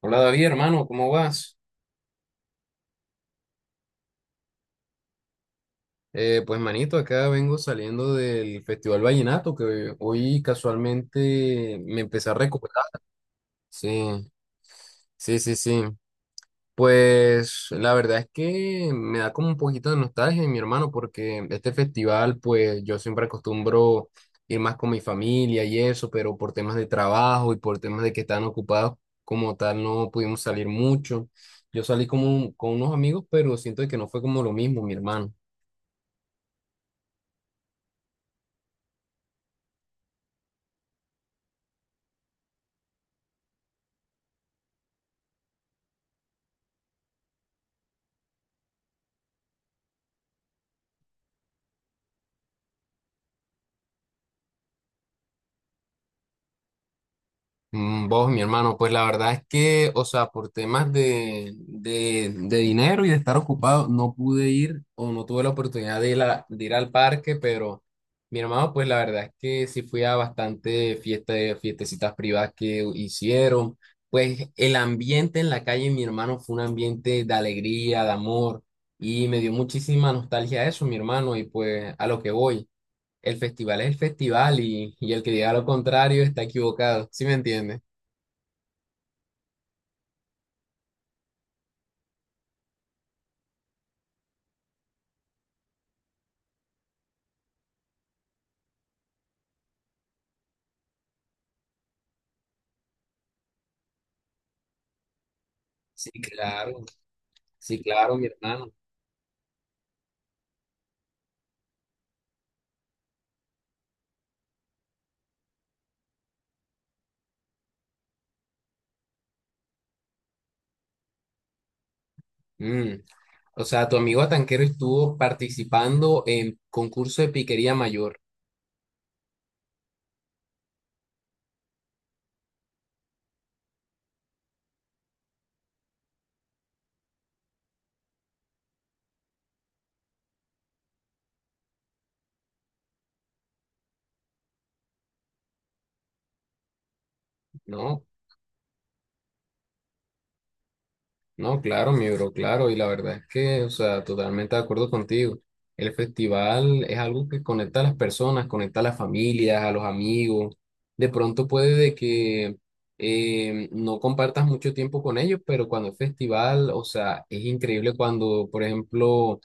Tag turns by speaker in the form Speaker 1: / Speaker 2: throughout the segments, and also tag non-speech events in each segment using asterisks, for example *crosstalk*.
Speaker 1: Hola David, hermano, ¿cómo vas? Pues manito, acá vengo saliendo del Festival Vallenato que hoy casualmente me empecé a recuperar. Sí, sí. Pues la verdad es que me da como un poquito de nostalgia, mi hermano, porque este festival, pues yo siempre acostumbro ir más con mi familia y eso, pero por temas de trabajo y por temas de que están ocupados como tal, no pudimos salir mucho. Yo salí con unos amigos, pero siento que no fue como lo mismo, mi hermano. Mm, vos, mi hermano, pues la verdad es que, o sea, por temas de dinero y de estar ocupado, no pude ir o no tuve la oportunidad de ir, de ir al parque, pero mi hermano, pues la verdad es que sí fui a bastante fiesta fiestecitas privadas que hicieron. Pues el ambiente en la calle, mi hermano, fue un ambiente de alegría, de amor, y me dio muchísima nostalgia eso, mi hermano, y pues a lo que voy. El festival es el festival y el que diga lo contrario está equivocado, ¿sí me entiendes? Sí, claro, sí, claro, mi hermano. Mm, o sea, tu amigo Tanquero estuvo participando en concurso de piquería mayor, ¿no? No, claro, mi bro, claro. Y la verdad es que, o sea, totalmente de acuerdo contigo. El festival es algo que conecta a las personas, conecta a las familias, a los amigos. De pronto puede de que no compartas mucho tiempo con ellos, pero cuando es festival, o sea, es increíble cuando, por ejemplo,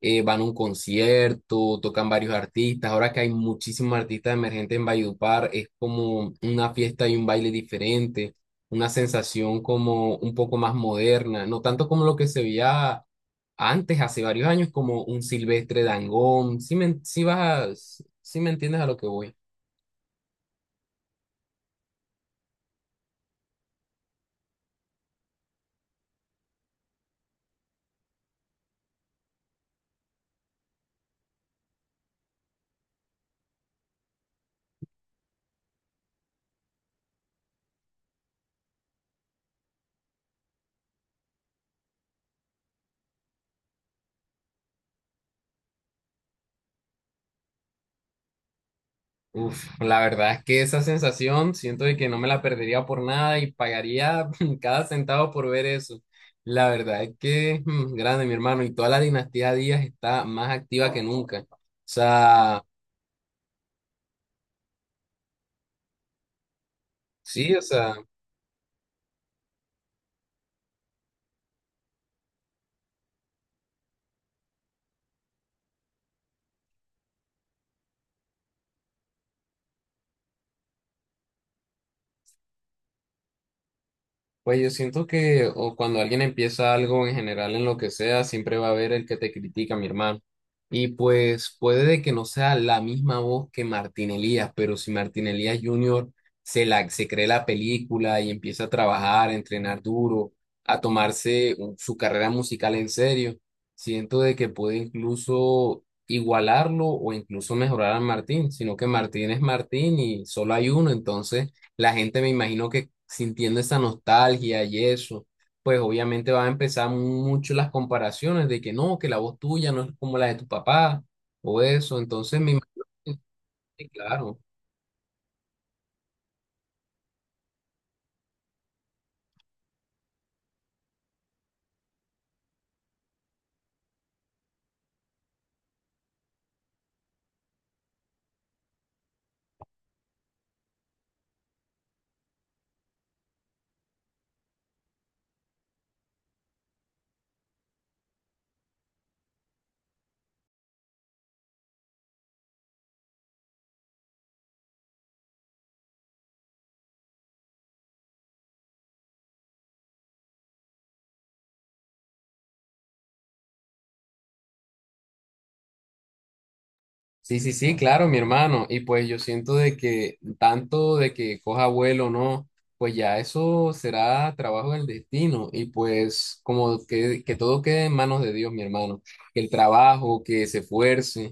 Speaker 1: van a un concierto, tocan varios artistas. Ahora que hay muchísimos artistas emergentes en Valledupar, es como una fiesta y un baile diferente, una sensación como un poco más moderna, no tanto como lo que se veía antes, hace varios años, como un Silvestre Dangond. Si me, si vas a- Sí me entiendes a lo que voy. Uf, la verdad es que esa sensación siento de que no me la perdería por nada y pagaría *laughs* cada centavo por ver eso. La verdad es que mm, grande, mi hermano, y toda la dinastía Díaz está más activa que nunca. O sea, sí, o sea. Pues yo siento que o cuando alguien empieza algo en general en lo que sea, siempre va a haber el que te critica, mi hermano. Y pues puede de que no sea la misma voz que Martín Elías, pero si Martín Elías Junior se cree la película y empieza a trabajar, a entrenar duro, su carrera musical en serio, siento de que puede incluso igualarlo o incluso mejorar a Martín, sino que Martín es Martín y solo hay uno, entonces la gente me imagino que sintiendo esa nostalgia y eso, pues obviamente van a empezar mucho las comparaciones de que no, que la voz tuya no es como la de tu papá o eso, entonces me imagino, que, claro. Sí, sí, sí, claro, mi hermano. Y pues yo siento de que tanto de que coja vuelo o no, pues ya eso será trabajo del destino. Y pues como que todo quede en manos de Dios, mi hermano. Que el trabajo, que se esfuerce.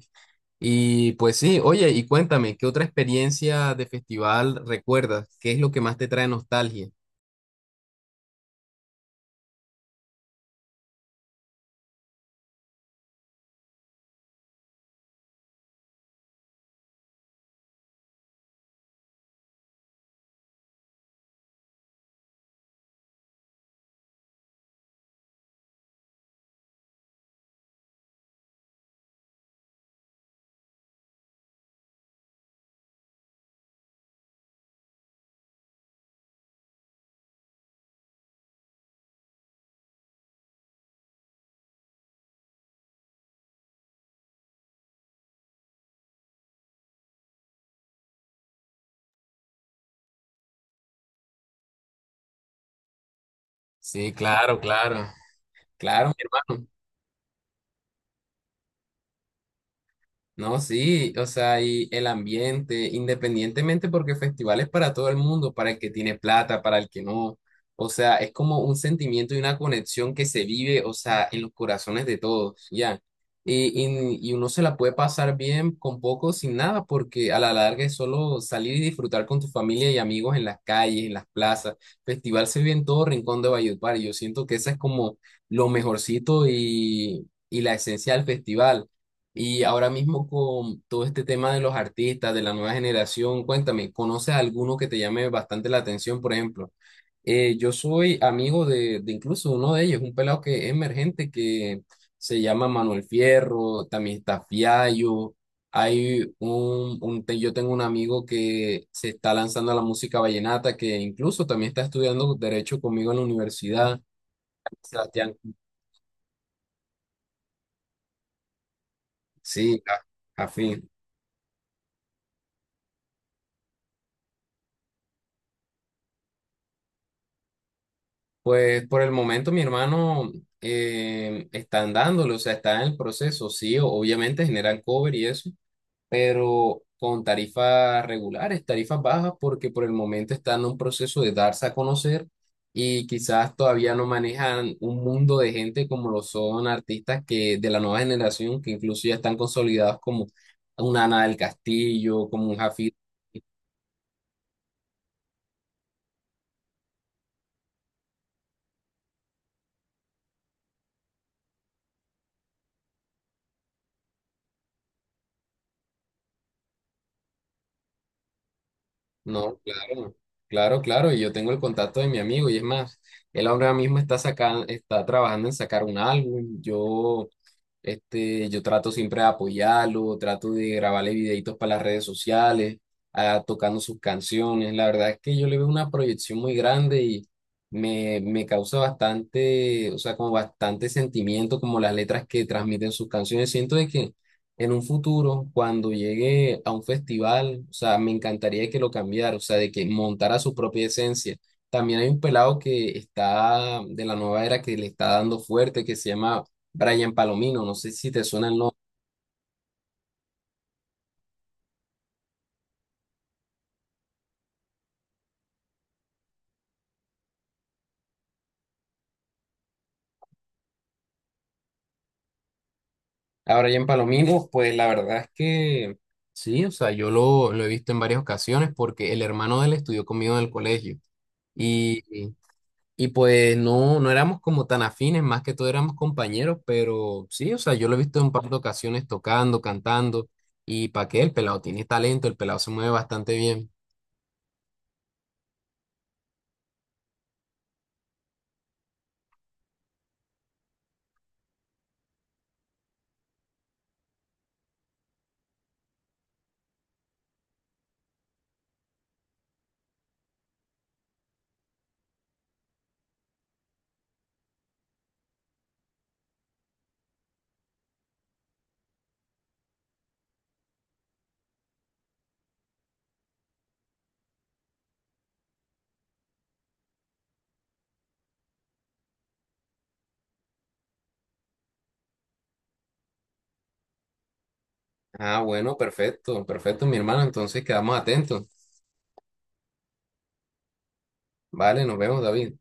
Speaker 1: Y pues sí, oye, y cuéntame, ¿qué otra experiencia de festival recuerdas? ¿Qué es lo que más te trae nostalgia? Sí, claro, claro. Claro, mi hermano. No, sí, o sea, y el ambiente, independientemente porque el festival es para todo el mundo, para el que tiene plata, para el que no. O sea, es como un sentimiento y una conexión que se vive, o sea, en los corazones de todos, ya. Y uno se la puede pasar bien con poco, sin nada, porque a la larga es solo salir y disfrutar con tu familia y amigos en las calles, en las plazas. Festival se vive en todo rincón de Valledupar y yo siento que esa es como lo mejorcito y la esencia del festival. Y ahora mismo con todo este tema de los artistas, de la nueva generación, cuéntame, ¿conoces alguno que te llame bastante la atención, por ejemplo? Yo soy amigo de incluso uno de ellos, un pelado que es emergente que se llama Manuel Fierro, también está Fiallo, hay yo tengo un amigo que se está lanzando a la música vallenata, que incluso también está estudiando derecho conmigo en la universidad, Sebastián, sí, afín. Pues por el momento mi hermano están dándole, o sea, está en el proceso, sí, obviamente generan cover y eso, pero con tarifas regulares, tarifas bajas, porque por el momento están en un proceso de darse a conocer y quizás todavía no manejan un mundo de gente como lo son artistas que de la nueva generación, que incluso ya están consolidados como una Ana del Castillo, como un Jafid. No, claro, claro, claro. Y yo tengo el contacto de mi amigo. Y es más, él ahora mismo está sacando, está trabajando en sacar un álbum. Yo, este, yo trato siempre de apoyarlo, trato de grabarle videitos para las redes sociales, ah, tocando sus canciones. La verdad es que yo le veo una proyección muy grande y me causa bastante, o sea, como bastante sentimiento, como las letras que transmiten sus canciones. Siento de que en un futuro, cuando llegue a un festival, o sea, me encantaría que lo cambiara, o sea, de que montara su propia esencia. También hay un pelado que está de la nueva era que le está dando fuerte, que se llama Brian Palomino, no sé si te suena el nombre. A Brian Palomino, pues la verdad es que sí, o sea, lo he visto en varias ocasiones porque el hermano de él estudió conmigo en el colegio. Y y pues no, no éramos como tan afines, más que todo éramos compañeros, pero sí, o sea, yo lo he visto en un par de ocasiones tocando, cantando, y para qué, el pelado tiene talento, el pelado se mueve bastante bien. Ah, bueno, perfecto, perfecto, mi hermano, entonces quedamos atentos. Vale, nos vemos, David.